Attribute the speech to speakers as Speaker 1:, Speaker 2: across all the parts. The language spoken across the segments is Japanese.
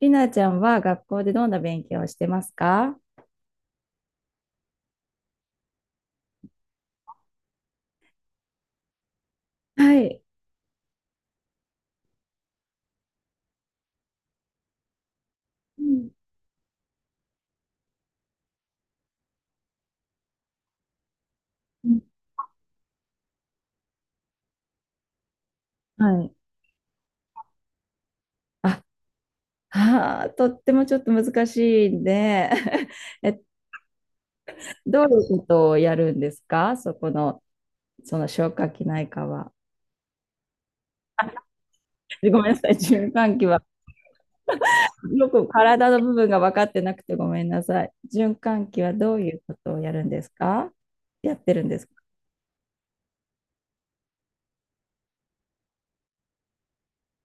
Speaker 1: りなちゃんは学校でどんな勉強をしてますか？はい。うん、うん。はい。あ、はあ、とってもちょっと難しいんで、 えっと、どういうことをやるんですかそこの、その消化器内科は。ごめんなさい、循環器は。よく体の部分が分かってなくてごめんなさい。循環器はどういうことをやるんですか？やってるんですか？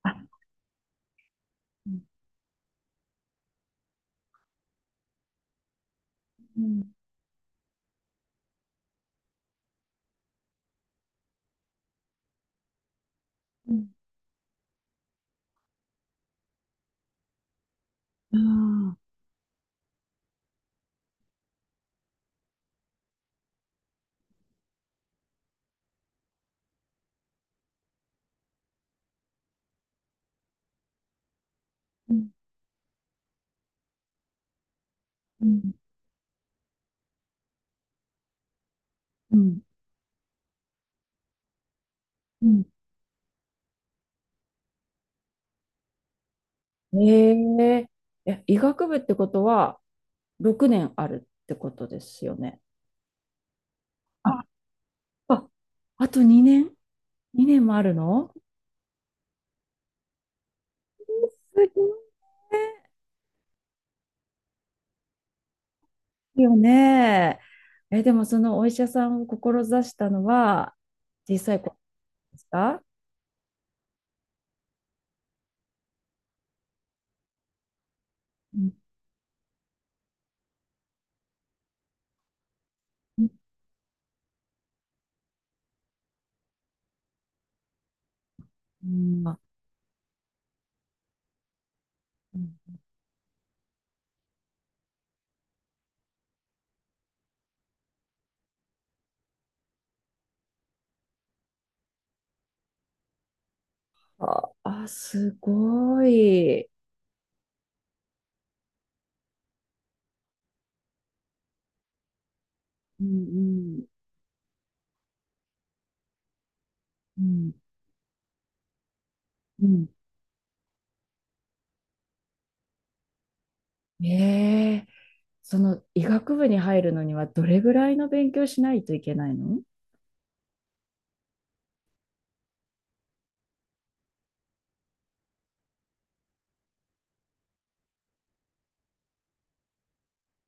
Speaker 1: あ、うん、うん、うん、あー、うん、うん、うん。え、え、え、医学部ってことは6年あるってことですよね？あ、あ、あと2年？ 2 年もあるの？すごいよね。え、でもそのお医者さんを志したのは小さい子ですか？うん、うん、うん、あ、うん、ああ、すごい。うん、うん。うん、うん。え、え、その医学部に入るのにはどれぐらいの勉強しないといけないの？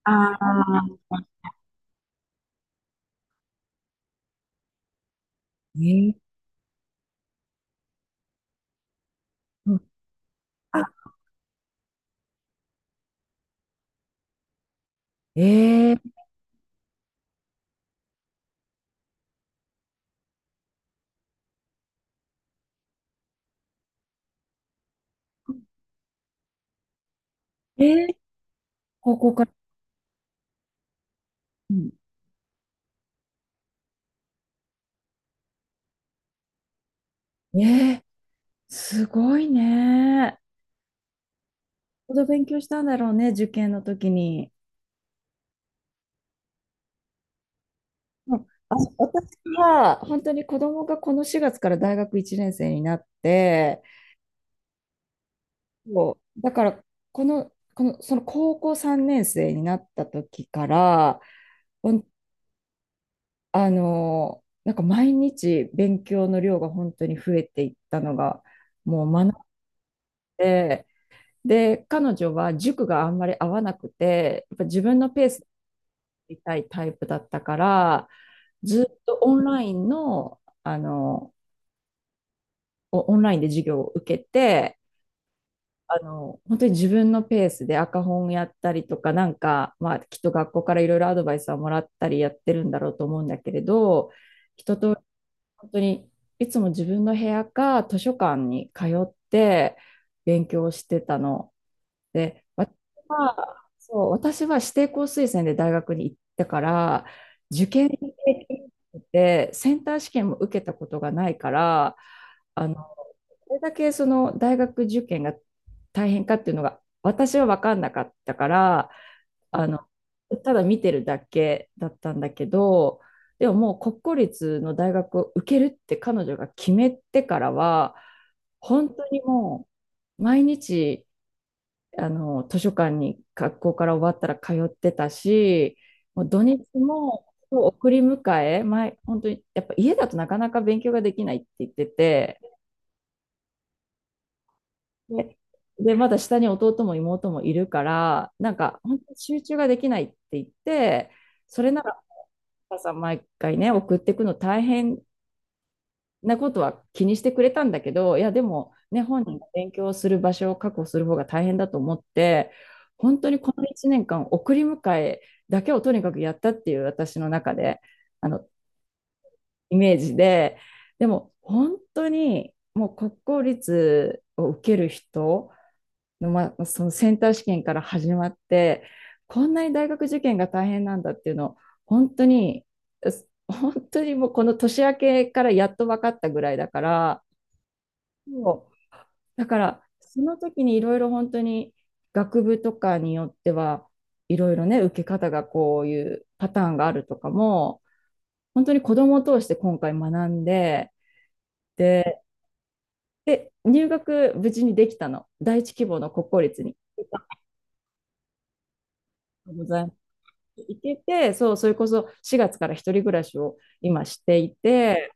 Speaker 1: ああ、え、え、うん、あ、え、えー、こから、うん、え、え、すごいね。よほど勉強したんだろうね、受験の時に。うん、あ、私は、本当に子供がこの4月から大学1年生になって、そうだからこの、この、その高校3年生になった時から、ほんあの、なんか毎日勉強の量が本当に増えていったのが、もう学んで、で、彼女は塾があんまり合わなくて、やっぱ自分のペースでいたいタイプだったから、ずっとオンラインの、あの、オンラインで授業を受けて、あの、本当に自分のペースで赤本やったりとか、なんか、まあ、きっと学校からいろいろアドバイスはもらったりやってるんだろうと思うんだけれど、本当にいつも自分の部屋か図書館に通って勉強してたの。で、私は、そう、私は指定校推薦で大学に行ったから、受験に経験なくて、センター試験も受けたことがないから、あの、これだけその大学受験が大変かっていうのが、私は分かんなかったから、あの、ただ見てるだけだったんだけど、でももう国公立の大学を受けるって彼女が決めてからは、本当にもう毎日、あの、図書館に学校から終わったら通ってたし、もう土日も送り迎え、前、本当に、やっぱ家だとなかなか勉強ができないって言ってて、で、で、まだ下に弟も妹もいるから、なんか本当に集中ができないって言って、それなら、お母さん毎回ね、送っていくの大変なことは気にしてくれたんだけど、いや、でも、ね、本人が勉強する場所を確保する方が大変だと思って、本当にこの1年間、送り迎えだけをとにかくやったっていう私の中で、あの、イメージで、でも、本当に、もう国公立を受ける人の、ま、そのセンター試験から始まって、こんなに大学受験が大変なんだっていうのを、本当に、本当にもうこの年明けからやっと分かったぐらいだから、そう。だから、その時にいろいろ本当に学部とかによっては、いろいろね、受け方がこういうパターンがあるとかも、本当に子供を通して今回学んで、で、で、入学無事にできたの。第一希望の国公立に。ございます。行けて、そう、それこそ4月から一人暮らしを今していて、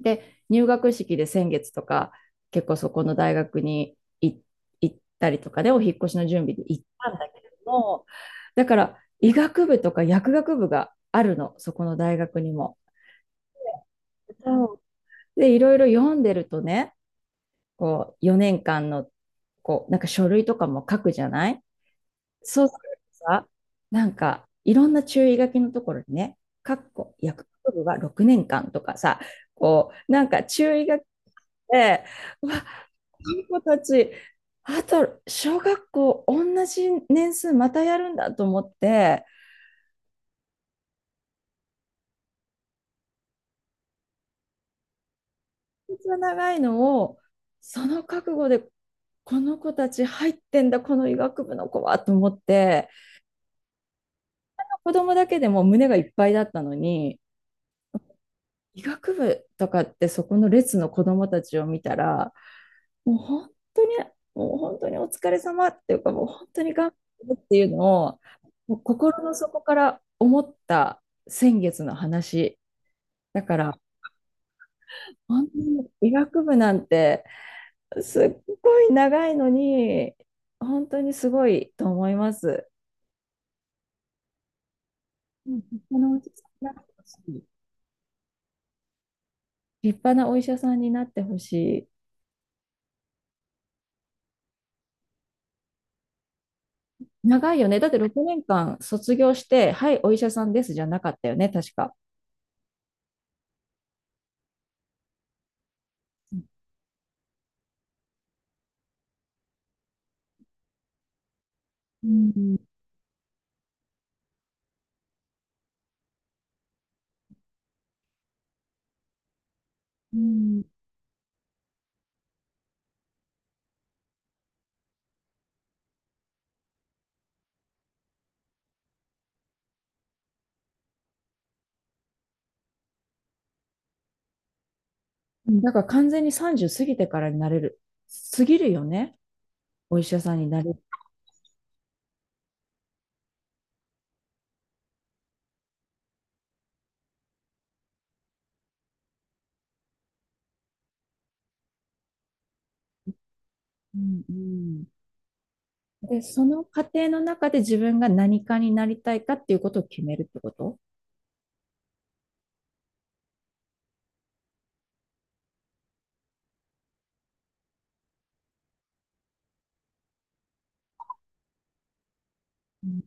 Speaker 1: で、入学式で先月とか、結構そこの大学に行ったりとかで、お引っ越しの準備で行ったんだけれども、だから医学部とか薬学部があるの、そこの大学にも。で、いろいろ読んでるとね、こう、4年間の、こう、なんか書類とかも書くじゃない？そうするとさ、なんか、いろんな注意書きのところにね、かっこ薬学部は6年間とかさ、こう、なんか注意書きて、うわ、この子たち、あと小学校同じ年数またやるんだと思って、めっちゃ長いのを、その覚悟で、この子たち入ってんだ、この医学部の子はと思って、子供だけでも胸がいっぱいだったのに、医学部とかってそこの列の子供たちを見たら、もう本当に、もう本当にお疲れ様っていうか、もう本当に頑張ってっていうのを、もう心の底から思った先月の話。だから、本当に医学部なんてすっごい長いのに、本当にすごいと思います。うん。立派なお医者さんになってほしい。立派なお医者さんになってほしい。長いよね。だって6年間卒業して、はい、お医者さんですじゃなかったよね、確か。うん、うん、うん。だから完全に30過ぎてからになれる、過ぎるよね、お医者さんになれる。うん、うん。で、その過程の中で自分が何かになりたいかっていうことを決めるってこと？うん、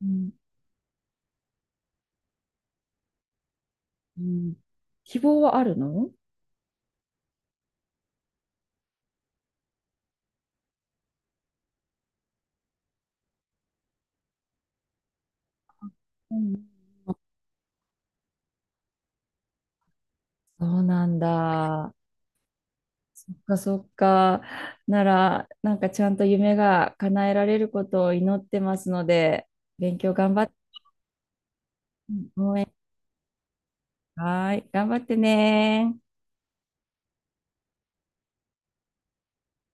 Speaker 1: うん、うん。希望はあるの？うん。そうなんだ。そっかそっか。なら、なんかちゃんと夢が叶えられることを祈ってますので、勉強頑張って、応援、はい、頑張ってね。